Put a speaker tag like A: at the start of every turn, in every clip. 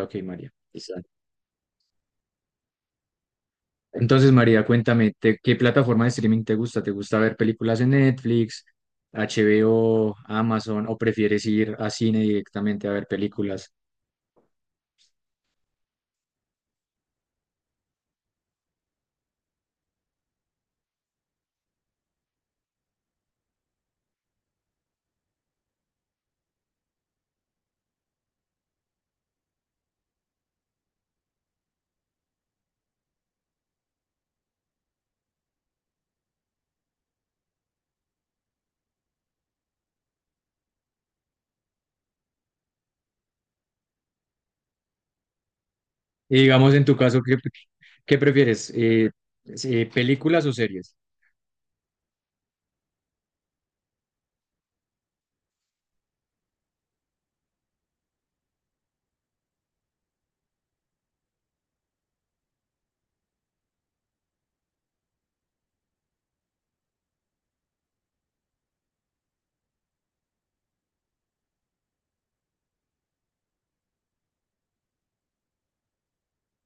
A: Ok, María. Listo. Entonces, María, cuéntame, ¿qué plataforma de streaming te gusta? ¿Te gusta ver películas en Netflix, HBO, Amazon o prefieres ir a cine directamente a ver películas? Y digamos, en tu caso, qué prefieres? ¿Películas o series?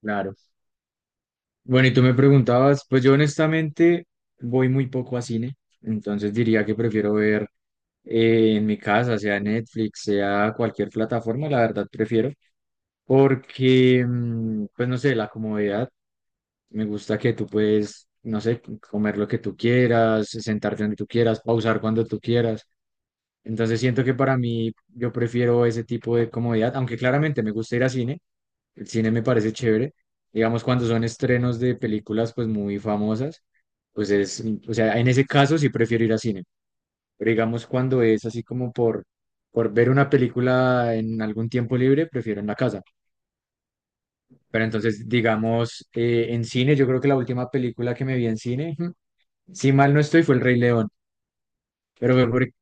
A: Claro. Bueno, y tú me preguntabas, pues yo honestamente voy muy poco a cine, entonces diría que prefiero ver en mi casa, sea Netflix, sea cualquier plataforma, la verdad prefiero. Porque, pues no sé, la comodidad, me gusta que tú puedes, no sé, comer lo que tú quieras, sentarte donde tú quieras, pausar cuando tú quieras. Entonces siento que para mí yo prefiero ese tipo de comodidad, aunque claramente me gusta ir a cine, el cine me parece chévere. Digamos, cuando son estrenos de películas pues muy famosas, pues es, o sea, en ese caso sí prefiero ir a cine. Pero digamos, cuando es así como por ver una película en algún tiempo libre, prefiero en la casa. Pero entonces, digamos, en cine, yo creo que la última película que me vi en cine, ujú, si mal no estoy, fue El Rey León, pero fue por-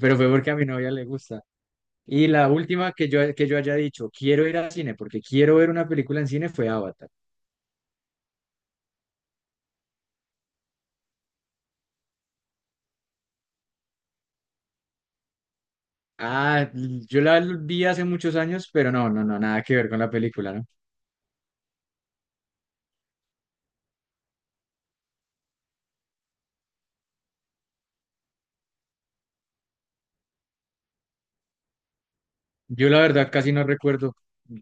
A: pero fue porque a mi novia le gusta. Y la última que yo haya dicho, quiero ir al cine porque quiero ver una película en cine, fue Avatar. Ah, yo la vi hace muchos años, pero no, no, no, nada que ver con la película, ¿no? Yo la verdad casi no recuerdo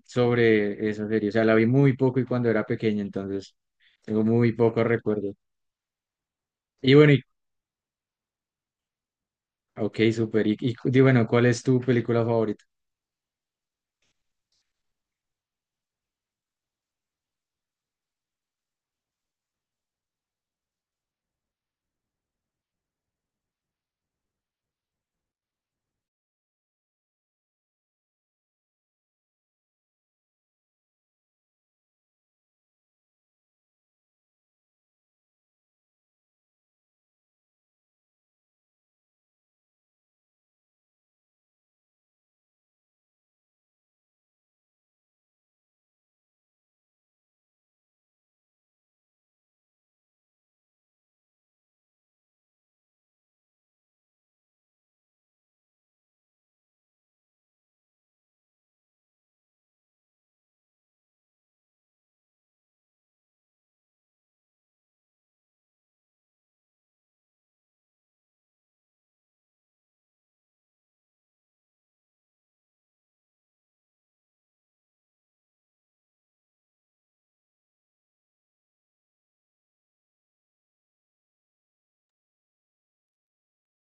A: sobre esa serie, o sea, la vi muy poco y cuando era pequeña, entonces tengo muy pocos recuerdos. Y bueno, ¿y Ok, súper. Bueno, ¿cuál es tu película favorita?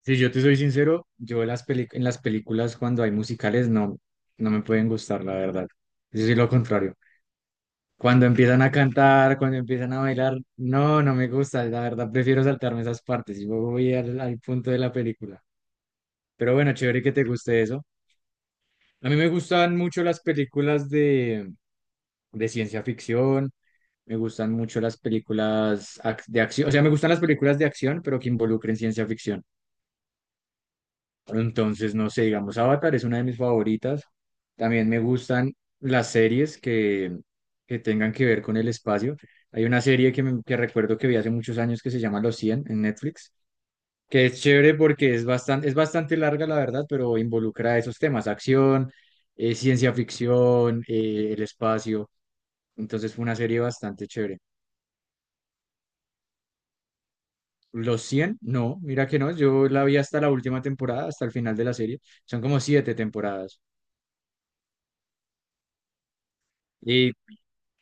A: Si yo te soy sincero, en las películas cuando hay musicales no, no me pueden gustar, la verdad. Yo soy lo contrario. Cuando empiezan a cantar, cuando empiezan a bailar, no, no me gusta. La verdad, prefiero saltarme esas partes y voy al punto de la película. Pero bueno, chévere que te guste eso. A mí me gustan mucho las de ciencia ficción. Me gustan mucho de acción, o sea, me gustan las películas de acción, pero que involucren ciencia ficción. Entonces, no sé, digamos, Avatar es una de mis favoritas. También me gustan las series que, que tengan que ver con el espacio. Hay una serie que recuerdo que vi hace muchos años que se llama Los Cien en Netflix, que es chévere porque es es bastante larga, la verdad, pero involucra esos temas, acción, ciencia ficción, el espacio. Entonces fue una serie bastante chévere. Los Cien no, mira que no, yo la vi hasta la última temporada, hasta el final de la serie. Son como siete temporadas. Y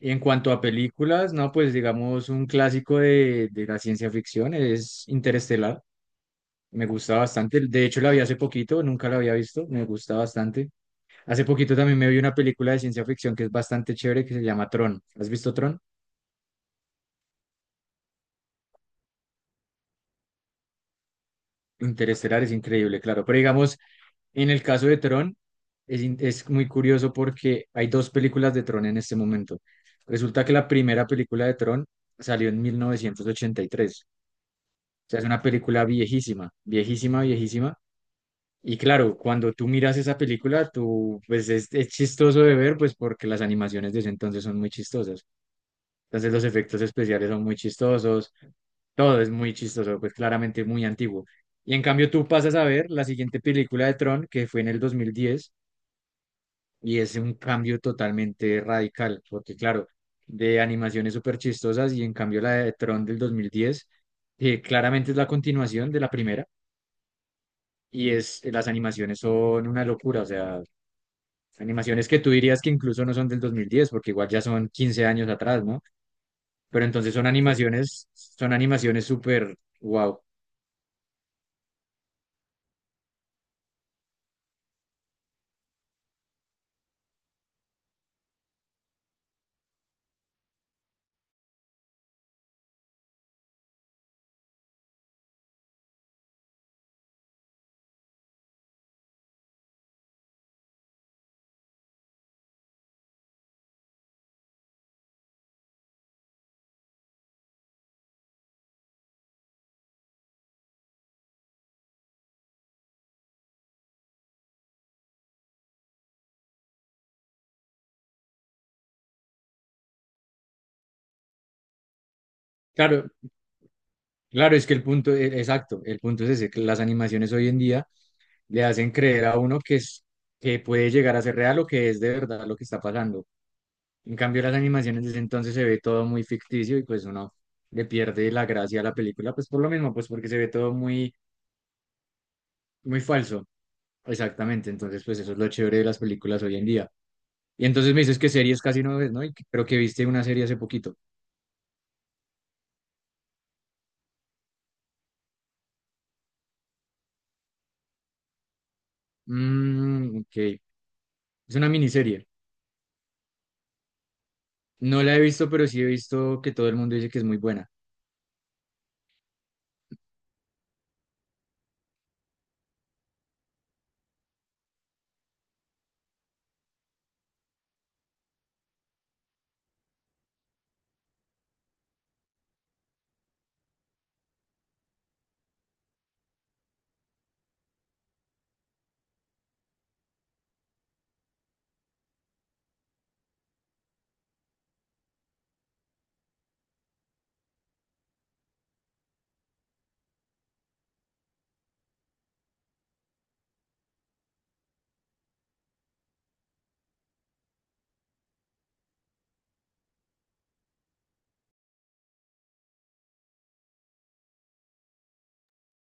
A: Y en cuanto a películas, no, pues digamos un clásico de la ciencia ficción es Interestelar. Me gusta bastante. De hecho, la vi hace poquito, nunca la había visto. Me gusta bastante. Hace poquito también me vi una película de ciencia ficción que es bastante chévere que se llama Tron. ¿Has visto Tron? Interestelar es increíble, claro. Pero digamos, en el caso de Tron, es muy curioso porque hay dos películas de Tron en este momento. Resulta que la primera película de Tron salió en mil novecientos ochenta y tres. O sea, es una película viejísima, viejísima, viejísima. Y claro, cuando tú miras esa película, tú, pues es chistoso de ver, pues porque las animaciones de ese entonces son muy chistosas. Entonces los efectos especiales son muy chistosos, todo es muy chistoso, pues claramente muy antiguo. Y en cambio tú pasas a ver la siguiente película de Tron, que fue en el 2010 y es un cambio totalmente radical, porque claro, de animaciones súper chistosas y en cambio la de Tron del 2010, que claramente es la continuación de la primera y es, las animaciones son una locura, o sea, animaciones que tú dirías que incluso no son del 2010 porque igual ya son 15 años atrás, ¿no? Pero entonces son animaciones súper wow. Claro, claro, es que el punto, exacto, el punto es ese, que las animaciones hoy en día le hacen creer a uno que es, que puede llegar a ser real o que es de verdad lo que está pasando. En cambio, las animaciones desde entonces se ve todo muy ficticio y pues uno le pierde la gracia a la película, pues por lo mismo, pues porque se ve todo muy muy falso. Exactamente, entonces pues eso es lo chévere de las películas hoy en día. Y entonces me dices que series casi no ves, ¿no? Pero que viste una serie hace poquito. Ok, es una miniserie. No la he visto, pero sí he visto que todo el mundo dice que es muy buena.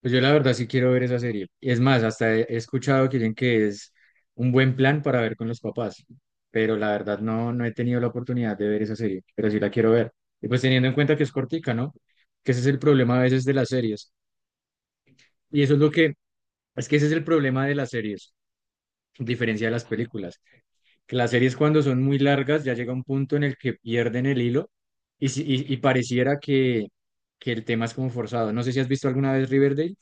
A: Pues yo la verdad sí quiero ver esa serie. Y es más, hasta he escuchado que dicen que es un buen plan para ver con los papás, pero la verdad no, no he tenido la oportunidad de ver esa serie, pero sí la quiero ver. Y pues teniendo en cuenta que es cortica, ¿no? Que ese es el problema a veces de las series. Y eso es lo que, es que ese es el problema de las series diferencia de las películas. Que las series cuando son muy largas ya llega un punto en el que pierden el hilo y, si- y pareciera que el tema es como forzado. No sé si has visto alguna vez Riverdale.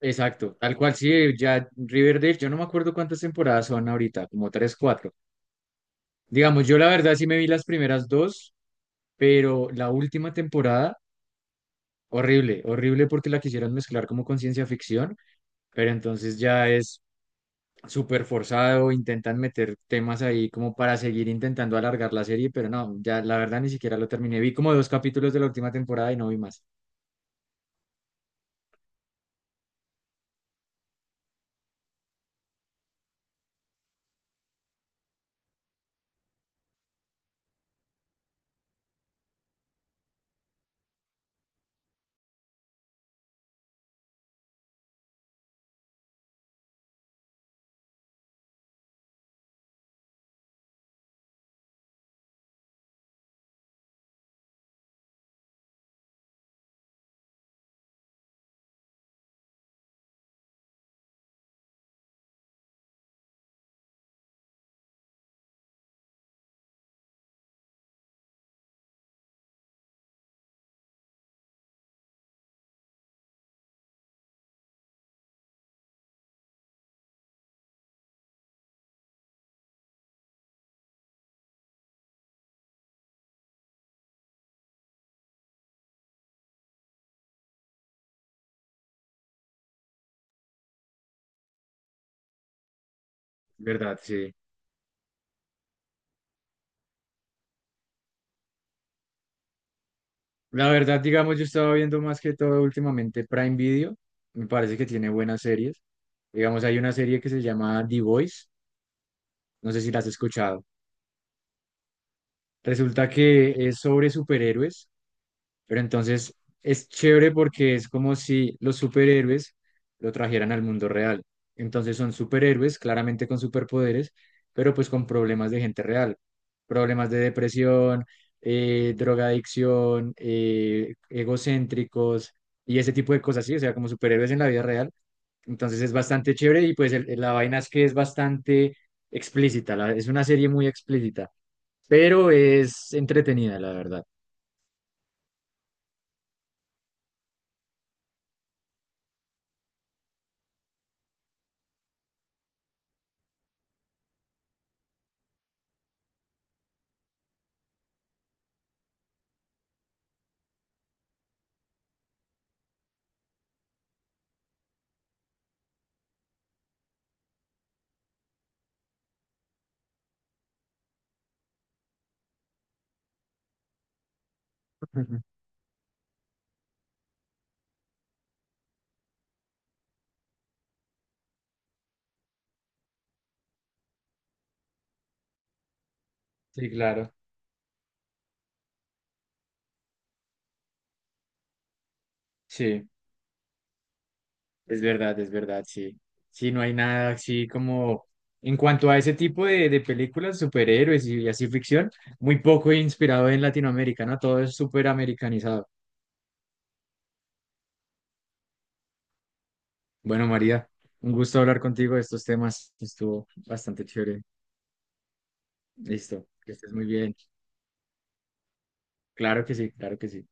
A: Exacto, tal cual, sí, ya Riverdale, yo no me acuerdo cuántas temporadas son ahorita, como tres, cuatro. Digamos, yo la verdad sí me vi las primeras dos, pero la última temporada, horrible, horrible porque la quisieron mezclar como con ciencia ficción, pero entonces ya es súper forzado, intentan meter temas ahí como para seguir intentando alargar la serie, pero no, ya la verdad ni siquiera lo terminé. Vi como dos capítulos de la última temporada y no vi más. ¿Verdad? Sí. La verdad, digamos, yo estaba viendo más que todo últimamente Prime Video. Me parece que tiene buenas series. Digamos, hay una serie que se llama The Voice. No sé si la has escuchado. Resulta que es sobre superhéroes. Pero entonces es chévere porque es como si los superhéroes lo trajeran al mundo real. Entonces son superhéroes, claramente con superpoderes, pero pues con problemas de gente real, problemas de depresión, drogadicción, egocéntricos y ese tipo de cosas, sí, o sea, como superhéroes en la vida real. Entonces es bastante chévere y pues la vaina es que es bastante explícita, es una serie muy explícita, pero es entretenida, la verdad. Sí, claro. Sí. Es verdad, sí. Sí, no hay nada así como en cuanto a ese tipo de películas, superhéroes y, así ficción, muy poco inspirado en Latinoamérica, ¿no? Todo es súper americanizado. Bueno, María, un gusto hablar contigo de estos temas. Estuvo bastante chévere. Listo, que estés muy bien. Claro que sí, claro que sí.